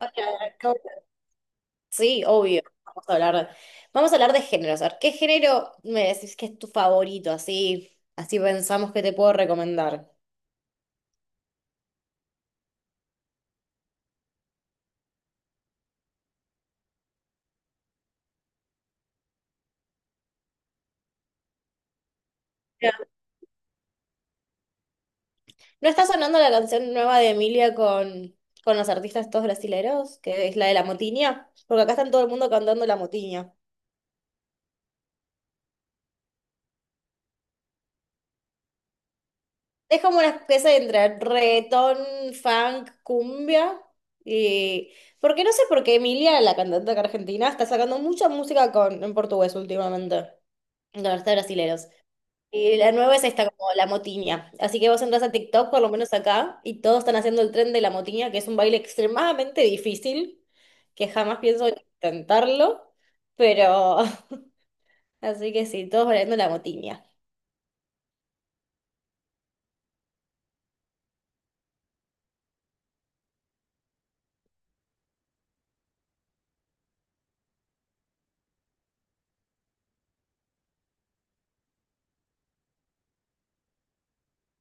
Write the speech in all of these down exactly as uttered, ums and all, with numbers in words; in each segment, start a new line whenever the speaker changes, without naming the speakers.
Hola, ¿cómo estás? Sí, obvio. Vamos a hablar, vamos a hablar de géneros. A ver, ¿qué género me decís que es tu favorito? Así, así pensamos que te puedo recomendar. Mira, ¿no está sonando la canción nueva de Emilia con, con los artistas todos brasileros? Que es la de La Motiña. Porque acá están todo el mundo cantando La Motiña. Es como una especie entre reggaetón, funk, cumbia. Y... porque no sé por qué Emilia, la cantante acá argentina, está sacando mucha música con... en portugués últimamente, con artistas brasileños. Y la nueva es esta como la motiña. Así que vos entras a TikTok, por lo menos acá, y todos están haciendo el tren de la motiña, que es un baile extremadamente difícil, que jamás pienso intentarlo, pero así que sí, todos bailando la motiña.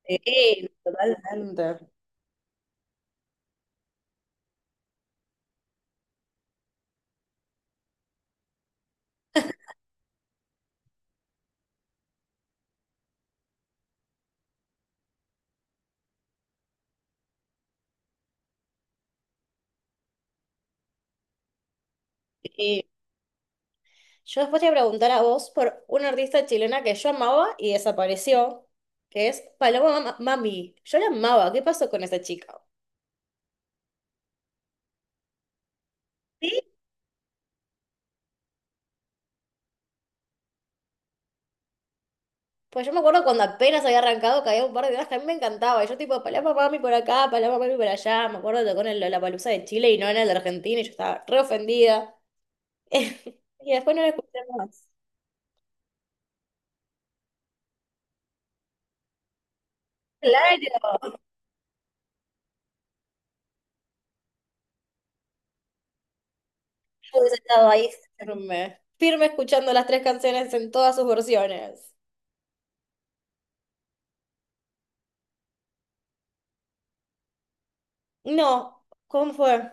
Sí, totalmente. Yo después te voy a preguntar a vos por una artista chilena que yo amaba y desapareció, que es Paloma Ma- Mami. Yo la amaba, ¿qué pasó con esa chica? Sí, pues yo me acuerdo cuando apenas había arrancado, que había un par de temas que a mí me encantaba. Y yo tipo, Paloma Mami por acá, Paloma Mami por allá. Me acuerdo que tocó en la Lollapalooza de Chile y no en el de Argentina y yo estaba re ofendida. Y después no la escuché más. Claro. Yo hubiese estado ahí firme, firme escuchando las tres canciones en todas sus versiones. No, ¿cómo fue?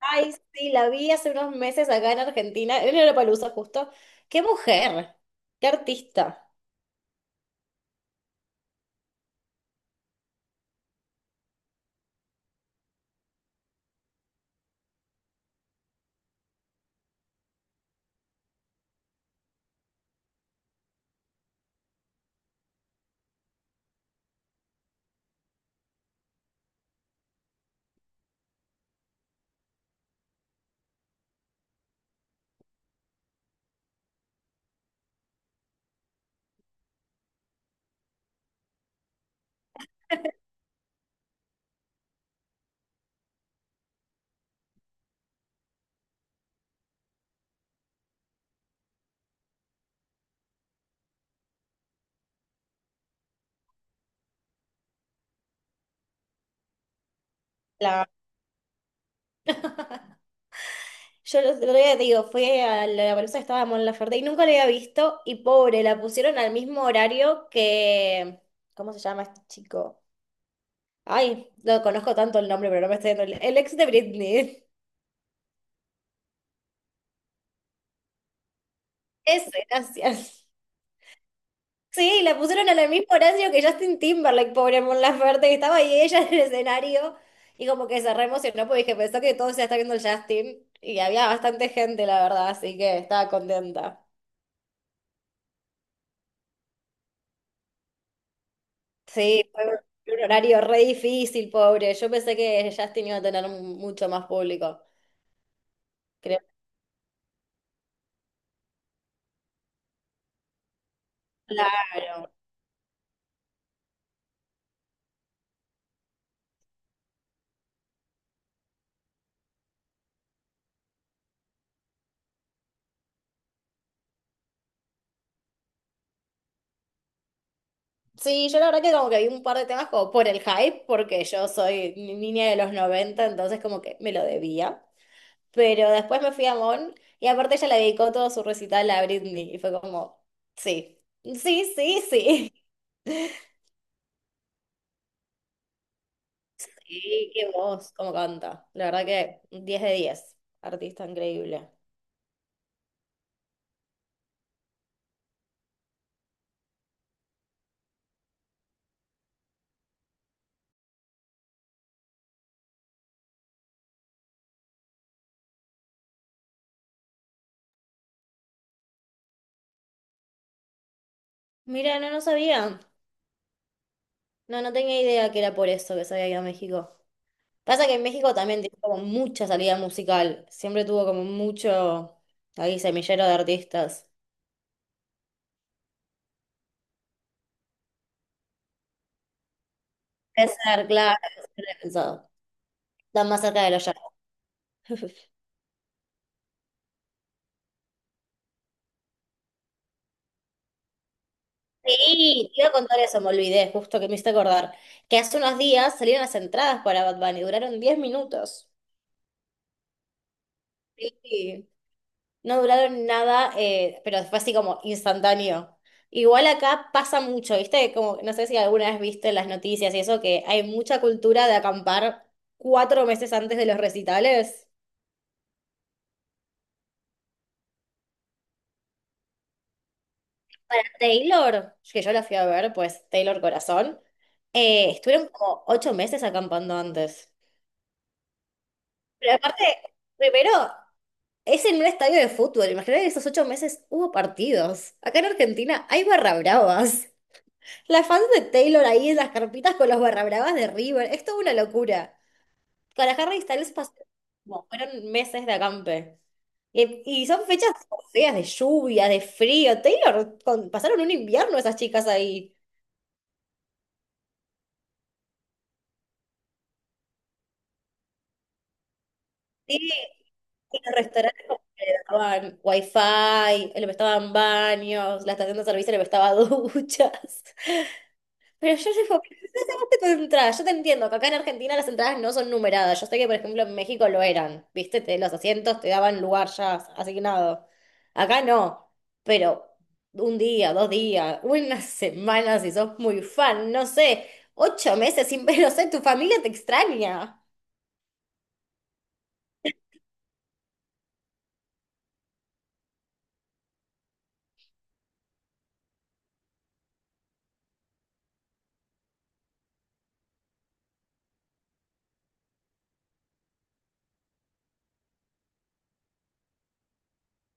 Ay, sí, la vi hace unos meses acá en Argentina, en Lollapalooza justo. ¡Qué mujer! ¡Qué artista! La... yo el otro día, te digo, fui a Lollapalooza, estaba Mon Laferte y nunca la había visto y pobre, la pusieron al mismo horario que... ¿cómo se llama este chico? Ay, no conozco tanto el nombre, pero no me estoy dando el... el ex de Britney. Ese, gracias. Sí, la pusieron en el mismo horario que Justin Timberlake, pobre Mon Laferte, que estaba ahí ella en el escenario y como que se re emocionó porque dije, pensó que todo se está viendo el Justin y había bastante gente, la verdad, así que estaba contenta. Sí, fue un un horario re difícil, pobre. Yo pensé que Justin iba a tener un- mucho más público. Creo. Claro. Sí, yo la verdad que como que vi un par de temas como por el hype, porque yo soy ni- niña de los noventa, entonces como que me lo debía. Pero después me fui a Mon y aparte ella le dedicó todo su recital a Britney y fue como, sí, sí, sí, sí. Sí, qué voz, cómo canta. La verdad que diez de diez, artista increíble. Mira, no, no sabía. No, no tenía idea que era por eso que se había ido a México. Pasa que en México también tiene como mucha salida musical. Siempre tuvo como mucho ahí semillero de artistas. Es ser, claro, es ser pensado. Están más cerca de los... sí, te iba a contar eso, me olvidé, justo que me hice acordar. Que hace unos días salieron las entradas para Bad Bunny, duraron diez minutos. Sí. No duraron nada, eh, pero fue así como instantáneo. Igual acá pasa mucho, ¿viste? Como, no sé si alguna vez viste en las noticias y eso, que hay mucha cultura de acampar cuatro meses antes de los recitales. Taylor, que yo la fui a ver, pues Taylor Corazón, eh, estuvieron como ocho meses acampando antes. Pero aparte, primero es en un estadio de fútbol. Imagínate que esos ocho meses hubo partidos. Acá en Argentina hay barra bravas. Las fans de Taylor ahí en las carpitas con los barra bravas de River. Es toda una locura. Para Harry Styles pasó, como fueron meses de acampe. Y, y son fechas feas de lluvia, de frío. Taylor, con- pasaron un invierno esas chicas ahí. Sí, y los restaurantes como que le daban wifi, le prestaban baños, la estación de servicio le prestaba duchas. Pero yo digo, ¿qué hacemos tipo de entradas? Yo te entiendo que acá en Argentina las entradas no son numeradas. Yo sé que, por ejemplo, en México lo eran. ¿Viste? Te- los asientos te daban lugar ya asignado. Acá no. Pero un día, dos días, una semana, si sos muy fan, no sé, ocho meses sin ver, no sé, tu familia te extraña.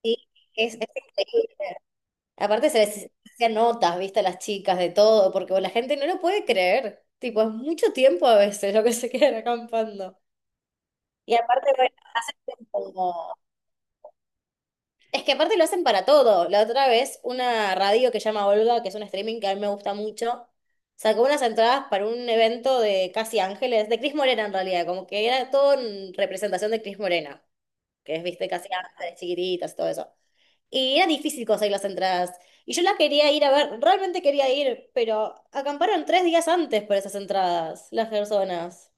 Sí, es, es increíble. Aparte se les hacían notas, viste, a las chicas de todo, porque la gente no lo puede creer. Tipo, es mucho tiempo a veces lo que se quedan acampando. Y aparte, bueno, hacen como... es que aparte lo hacen para todo. La otra vez, una radio que se llama Olga, que es un streaming que a mí me gusta mucho, sacó unas entradas para un evento de Casi Ángeles, de Cris Morena en realidad, como que era todo en representación de Cris Morena, que es, viste, Casi Ángeles, chiquititas, todo eso. Y era difícil conseguir las entradas. Y yo la quería ir a ver, realmente quería ir, pero acamparon tres días antes por esas entradas, las personas.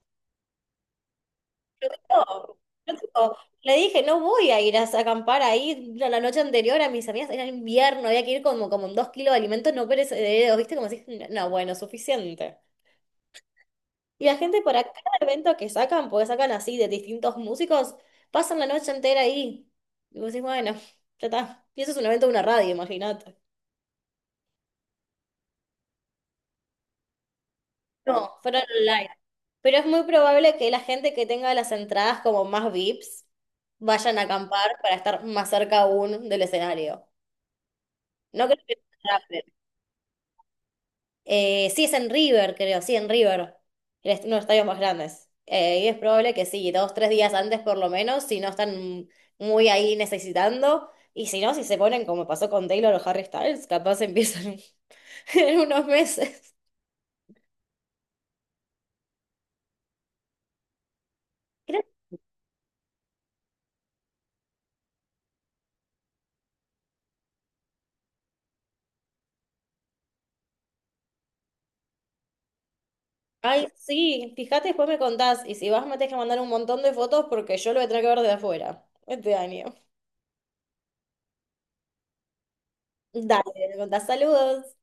No, yo tipo, le dije, no voy a ir a acampar ahí la la noche anterior a mis amigas, era invierno, había que ir como, como en dos kilos de alimentos no perecederos, ¿viste? Como así, no, bueno, suficiente. Y la gente para cada evento que sacan, porque sacan así de distintos músicos, pasan la noche entera ahí. Y vos decís, bueno, ya está. Y eso es un evento de una radio, imagínate. No, fueron online. Pero es muy probable que la gente que tenga las entradas como más V I Ps vayan a acampar para estar más cerca aún del escenario. No creo que sea en River. Eh, sí, es en River, creo, sí, en River. El est- uno de los estadios más grandes. Eh, y es probable que sí, dos, tres días antes por lo menos, si no están muy ahí necesitando. Y si no, si se ponen como pasó con Taylor o Harry Styles, capaz empiezan en unos meses. Creo... ay, sí, fíjate, después me contás. Y si vas, me tenés que mandar un montón de fotos porque yo lo voy a tener que ver de afuera este año. Dale, me contás saludos.